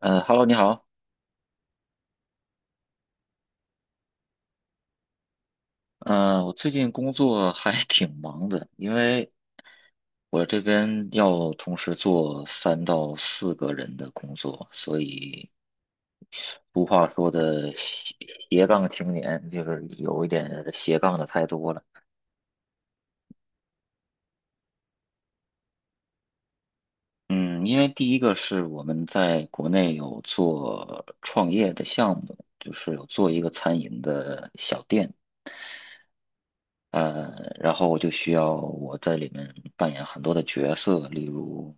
Hello，你好。我最近工作还 挺忙的，因为我这边要同时做3到4个人的工作，所以俗话说的斜杠青年，就是有一点斜杠的太多了。嗯，因为第一个是我们在国内有做创业的项目，就是有做一个餐饮的小店。呃，然后我就需要我在里面扮演很多的角色，例如，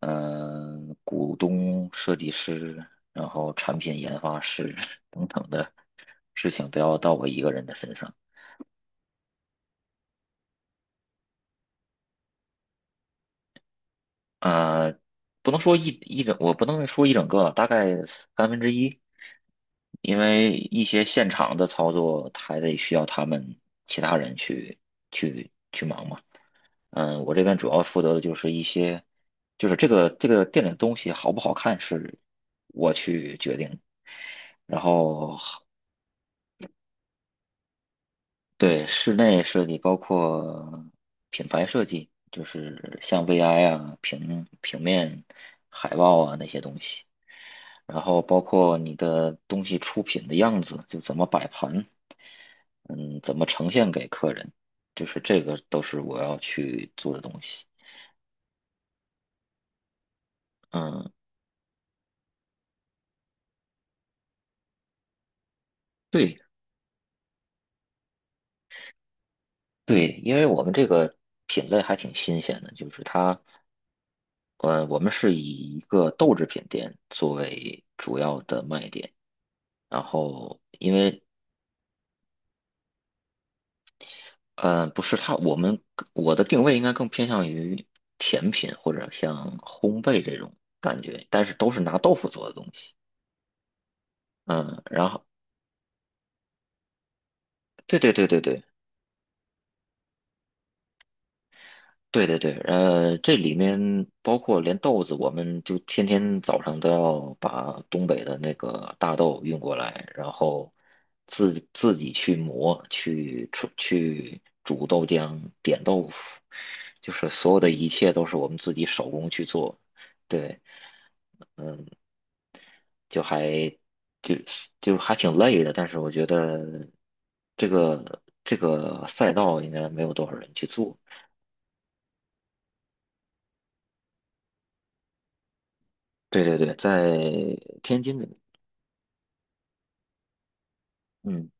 呃，股东、设计师，然后产品研发师 等等的事情都要到我一个人的身上。呃，不能说一整个，大概1/3，因为一些现场的操作还得需要他们其他人去忙嘛。嗯，我这边主要负责的就是一些，就是这个店里的东西好不好看是我去决定，然后对室内设计包括品牌设计，就是像 VI 啊、平面、海报啊那些东西，然后包括你的东西出品的样子，就怎么摆盘，嗯，怎么呈现给客人，就是这个都是我要去做的东西，嗯。对，对，因为我们这个品类还挺新鲜的，就是它，我们是以一个豆制品店作为主要的卖点，然后因为，不是它，我的定位应该更偏向于甜品或者像烘焙这种感觉，但是都是拿豆腐做的东西，嗯，然后对对对对对，对对对，这里面包括连豆子，我们就天天早上都要把东北的那个大豆运过来，然后自己去磨，去出去煮豆浆、点豆腐，就是所有的一切都是我们自己手工去做。对，就还就就还挺累的，但是我觉得这个赛道应该没有多少人去做。对对对，在天津，嗯。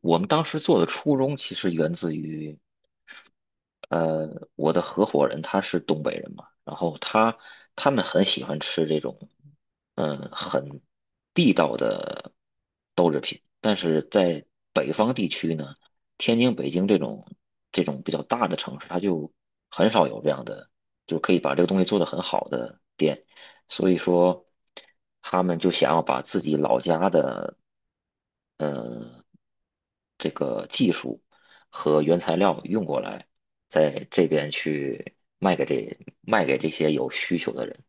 我们当时做的初衷其实源自于，呃，我的合伙人他是东北人嘛，然后他们很喜欢吃这种，嗯、很地道的豆制品，但是在北方地区呢，天津、北京这种比较大的城市，它就很少有这样的，就可以把这个东西做得很好的店，所以说他们就想要把自己老家的，呃，这个技术和原材料用过来。在这边去卖给这些有需求的人。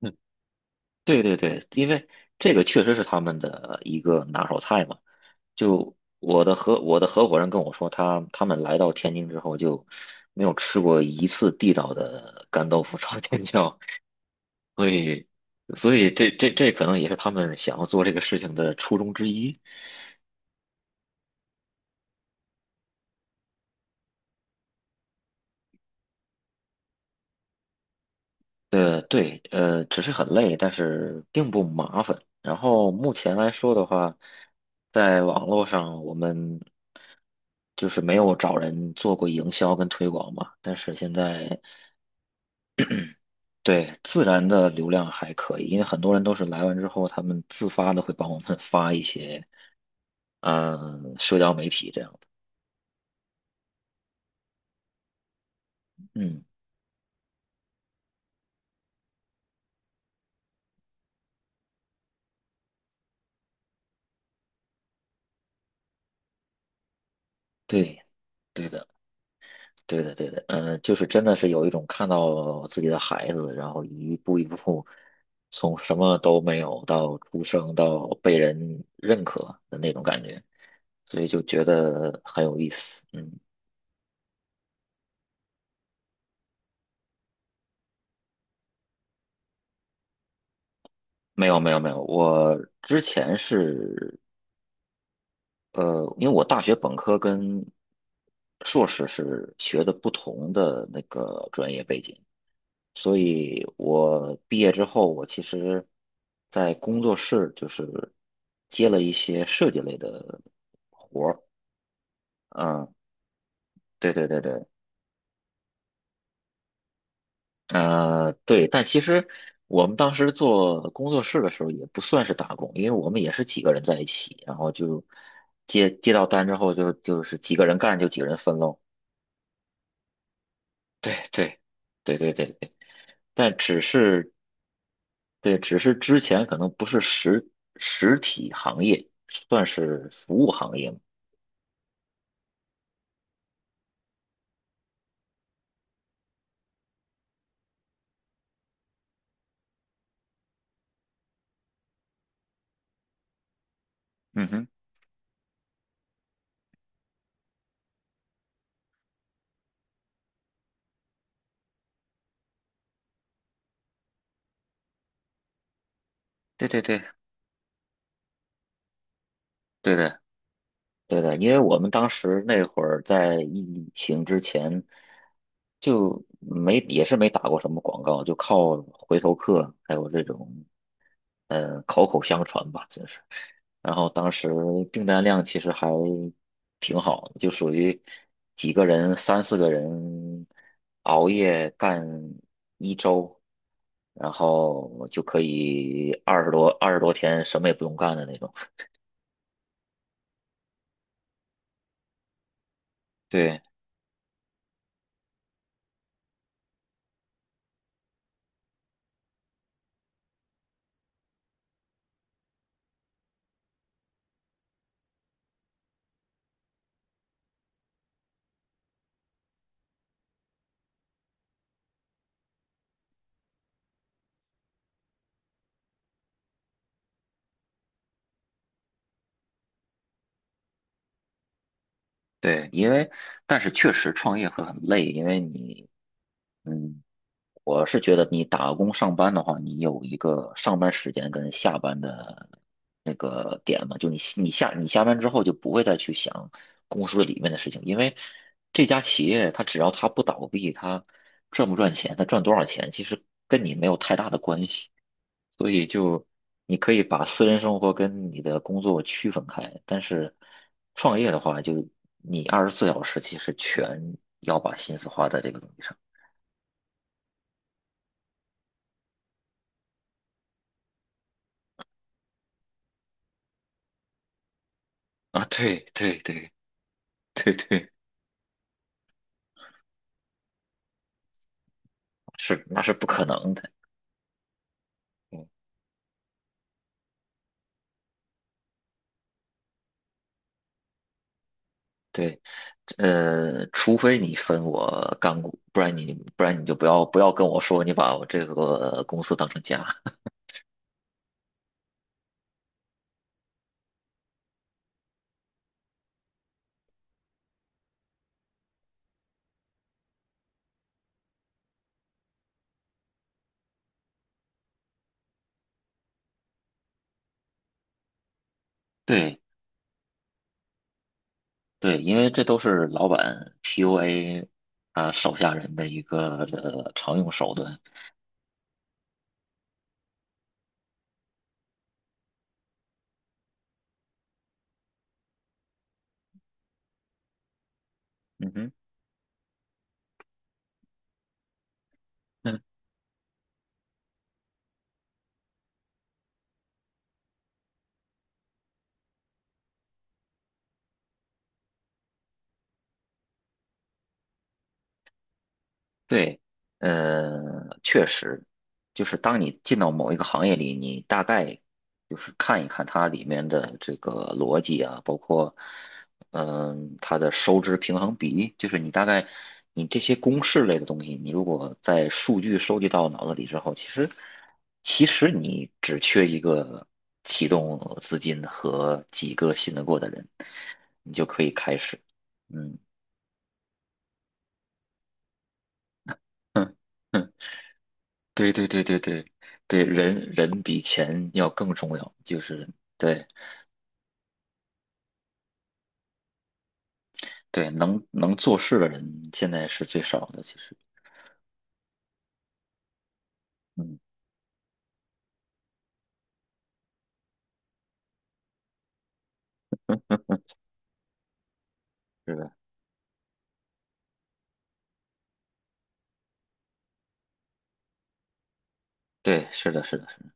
嗯，对对对，因为这个确实是他们的一个拿手菜嘛。就我的合伙人跟我说，他们来到天津之后就没有吃过一次地道的干豆腐炒尖椒，所以所以这可能也是他们想要做这个事情的初衷之一。对，只是很累，但是并不麻烦。然后目前来说的话，在网络上我们就是没有找人做过营销跟推广嘛，但是现在对自然的流量还可以，因为很多人都是来完之后，他们自发的会帮我们发一些，嗯，社交媒体这样的。嗯，对。对的，对的，嗯、就是真的是有一种看到自己的孩子，然后一步一步从什么都没有到出生到被人认可的那种感觉，所以就觉得很有意思。嗯，没有，没有，没有，我之前是因为我大学本科跟硕士是学的不同的那个专业背景。所以我毕业之后，我其实，在工作室就是接了一些设计类的，嗯，对对对对，对，但其实我们当时做工作室的时候也不算是打工，因为我们也是几个人在一起，然后就接到单之后就是几个人干就几个人分喽，对对对对对，但只是对，只是之前可能不是实体行业，算是服务行业嘛。嗯哼，对对对，对的，对的，因为我们当时那会儿在疫情之前，就没也是没打过什么广告，就靠回头客还有这种口口相传吧，真是。然后当时订单量其实还挺好，就属于几个人、三四个人熬夜干1周，然后就可以二十多天什么也不用干的那种。对对，因为但是确实创业会很累，因为你嗯我是觉得你打工上班的话，你有一个上班时间跟下班的那个点嘛，就你下班之后就不会再去想公司里面的事情，因为这家企业它只要它不倒闭，它赚不赚钱，它赚多少钱，其实跟你没有太大的关系，所以就你可以把私人生活跟你的工作区分开，但是创业的话，就你24小时其实全要把心思花在这个东西上啊，对对对。对对，是那是不可能的。嗯，对，除非你分我干股，不然你就不要跟我说你把我这个公司当成家。对对，因为这都是老板 PUA 啊手下人的一个常用手段。嗯哼。嗯。对，确实，就是当你进到某一个行业里，你大概就是看一看它里面的这个逻辑啊，包括，嗯、它的收支平衡比，例，就是你大概你这些公式类的东西，你如果在数据收集到脑子里之后，其实你只缺一个启动资金和几个信得过的人，你就可以开始，嗯。对对对对对对，人人比钱要更重要，就是对对，能做事的人现在是最少的，其实，嗯，是的，对，是的，是的，是的。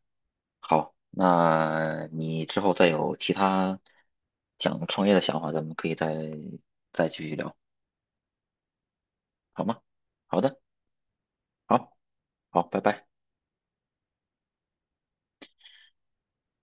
好，那你之后再有其他想创业的想法，咱们可以再继续聊，好吗？好的，好，好，拜拜。